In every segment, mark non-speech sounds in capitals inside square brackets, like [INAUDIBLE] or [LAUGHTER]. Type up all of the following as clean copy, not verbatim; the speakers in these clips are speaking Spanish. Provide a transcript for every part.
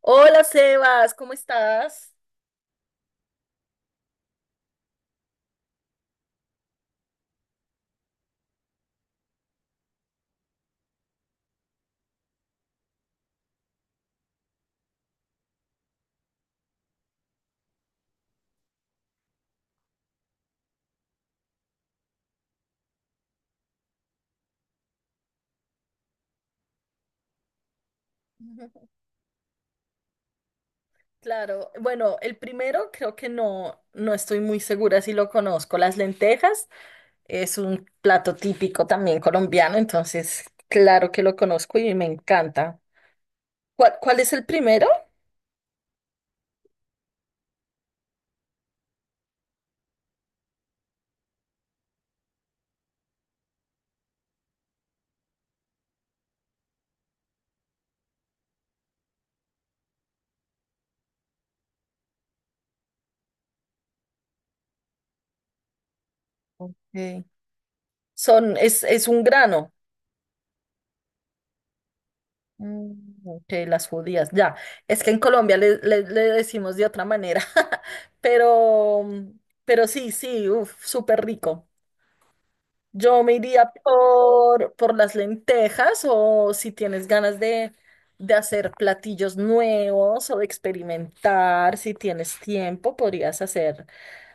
Hola Sebas, ¿cómo estás? [LAUGHS] Claro, bueno, el primero creo que no estoy muy segura si lo conozco. Las lentejas es un plato típico también colombiano, entonces claro que lo conozco y me encanta. ¿Cuál es el primero? Ok. Es un grano. Mm, ok, las judías, ya. Es que en Colombia le decimos de otra manera, [LAUGHS] pero, pero sí, sí, uf, súper rico. Yo me iría por las lentejas o si tienes ganas de hacer platillos nuevos o de experimentar, si tienes tiempo,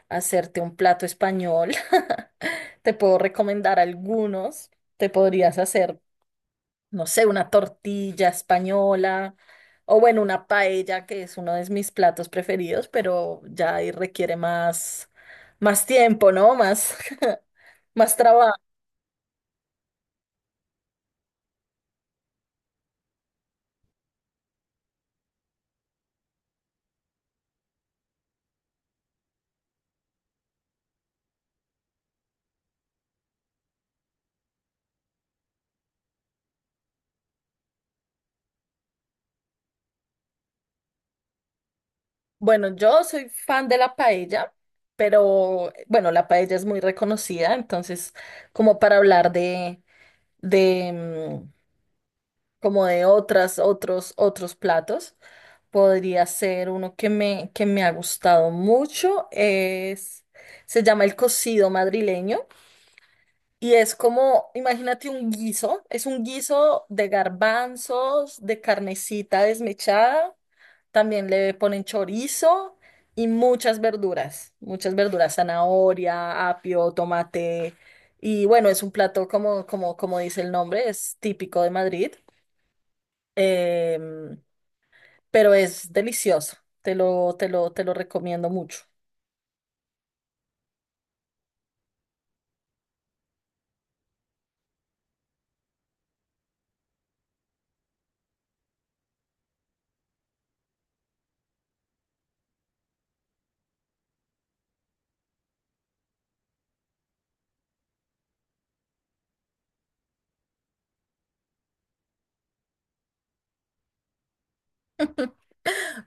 hacerte un plato español. [LAUGHS] Te puedo recomendar algunos. Te podrías hacer, no sé, una tortilla española o bueno, una paella, que es uno de mis platos preferidos, pero ya ahí requiere más tiempo, ¿no? [LAUGHS] Más trabajo. Bueno, yo soy fan de la paella, pero bueno, la paella es muy reconocida, entonces como para hablar de, mm, como de otras, otros platos. Podría ser uno que me ha gustado mucho, es, se llama el cocido madrileño y es como, imagínate un guiso, es un guiso de garbanzos, de carnecita desmechada, también le ponen chorizo y muchas verduras, zanahoria, apio, tomate y bueno, es un plato como dice el nombre, es típico de Madrid. Em, pero es delicioso. Te lo recomiendo mucho.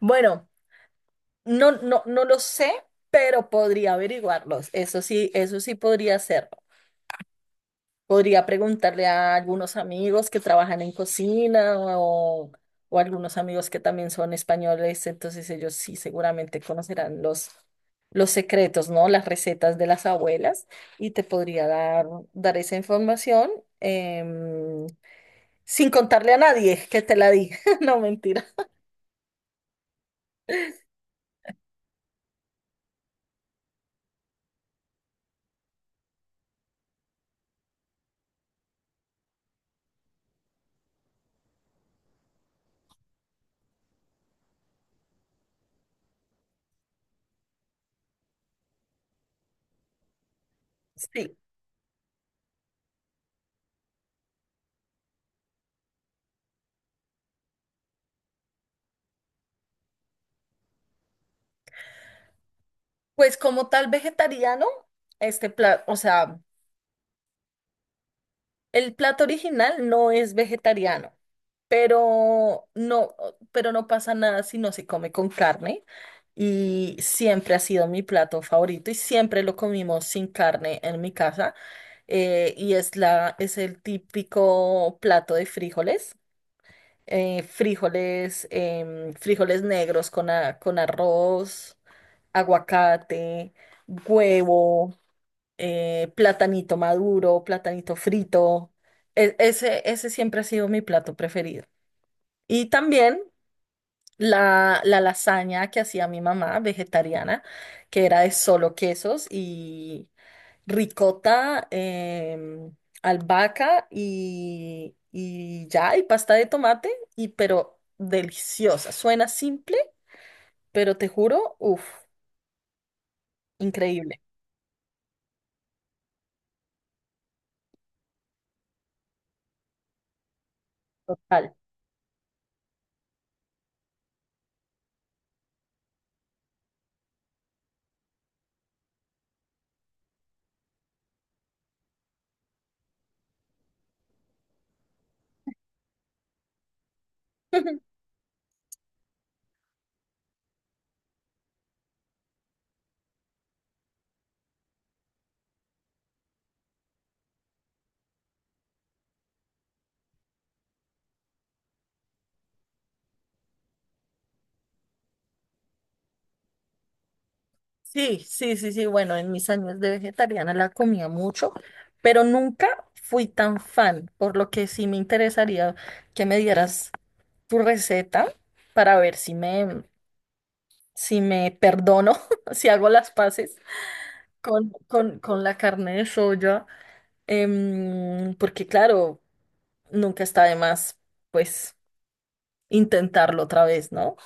Bueno, no lo sé, pero podría averiguarlos. Eso sí podría hacerlo. Podría preguntarle a algunos amigos que trabajan en cocina o algunos amigos que también son españoles, entonces ellos sí seguramente conocerán los secretos, ¿no? Las recetas de las abuelas y te podría dar esa información em, sin contarle a nadie que te la di. [LAUGHS] No, mentira. Sí, pues como tal vegetariano, este plato, o sea, el plato original no es vegetariano, pero no, pero no pasa nada si no se come con carne y siempre ha sido mi plato favorito y siempre lo comimos sin carne en mi casa, y es es el típico plato de frijoles, frijoles, frijoles negros con, con arroz, aguacate, huevo. Eh, platanito maduro, platanito frito. Ese, ese siempre ha sido mi plato preferido. Y también la lasaña que hacía mi mamá, vegetariana, que era de solo quesos y ricota, albahaca y pasta de tomate, y pero deliciosa. Suena simple, pero te juro, uff, increíble, total. [LAUGHS] Sí, sí, sí, sí. Bueno, en mis años de vegetariana la comía mucho, pero nunca fui tan fan, por lo que sí me interesaría que me dieras tu receta para ver si si me perdono, [LAUGHS] si hago las paces con la carne de soya, em, porque claro, nunca está de más, pues, intentarlo otra vez, ¿no?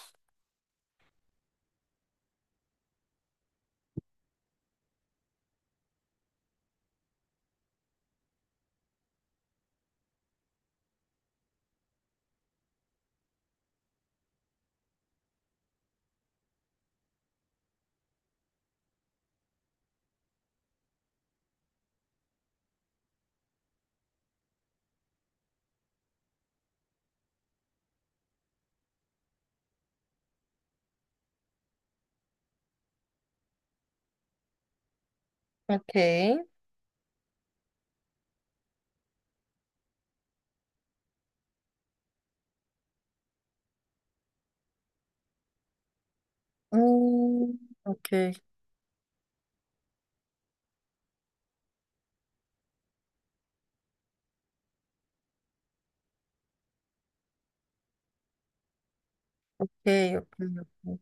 Ok. Mm, ok, ok, ok. Ok.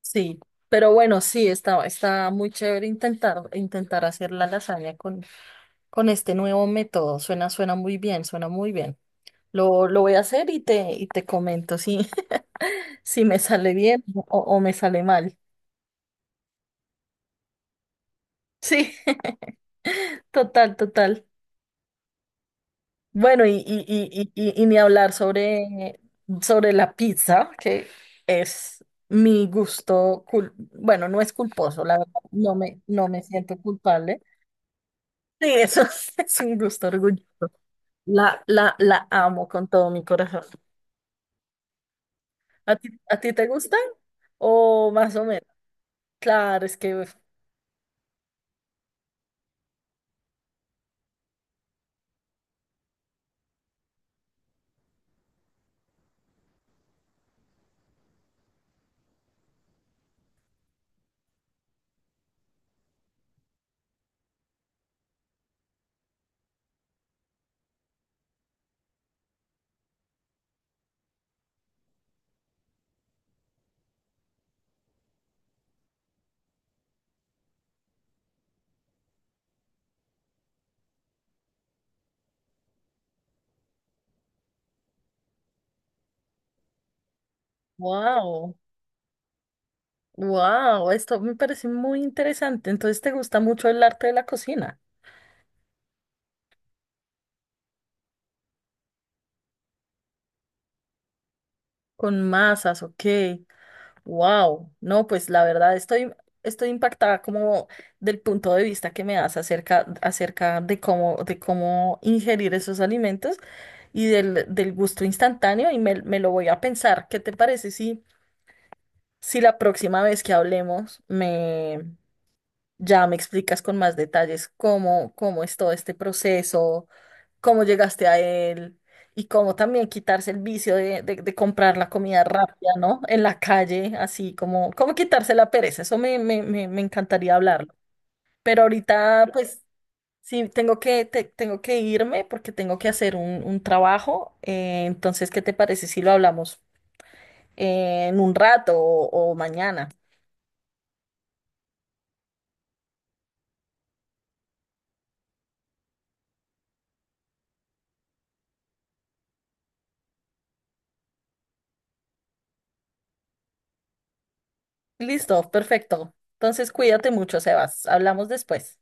Sí, pero bueno, sí, está, está muy chévere intentar, intentar hacer la lasaña con este nuevo método. Suena, suena muy bien, suena muy bien. Lo voy a hacer y te comento si, [LAUGHS] si me sale bien o me sale mal. Sí, [LAUGHS] total, total. Bueno, y ni hablar sobre, sobre la pizza, que es mi gusto, bueno, no es culposo, la verdad, no me siento culpable. Sí, eso [LAUGHS] es, un gusto orgulloso. La amo con todo mi corazón. A ti te gustan? O más o menos. Claro, es que, wow, wow, esto me parece muy interesante. Entonces, ¿te gusta mucho el arte de la cocina? Con masas, ok. Wow, no, pues la verdad estoy impactada como del punto de vista que me das acerca de cómo ingerir esos alimentos y del gusto instantáneo y me lo voy a pensar. ¿Qué te parece si, si la próxima vez que hablemos ya me explicas con más detalles cómo, cómo es todo este proceso, cómo llegaste a él y cómo también quitarse el vicio de comprar la comida rápida, ¿no? En la calle, así como, cómo quitarse la pereza. Eso me encantaría hablarlo. Pero ahorita, pues, sí, tengo que irme porque tengo que hacer un trabajo. Entonces, ¿qué te parece si lo hablamos en un rato o mañana? Listo, perfecto. Entonces, cuídate mucho, Sebas. Hablamos después.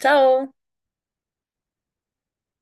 Chao.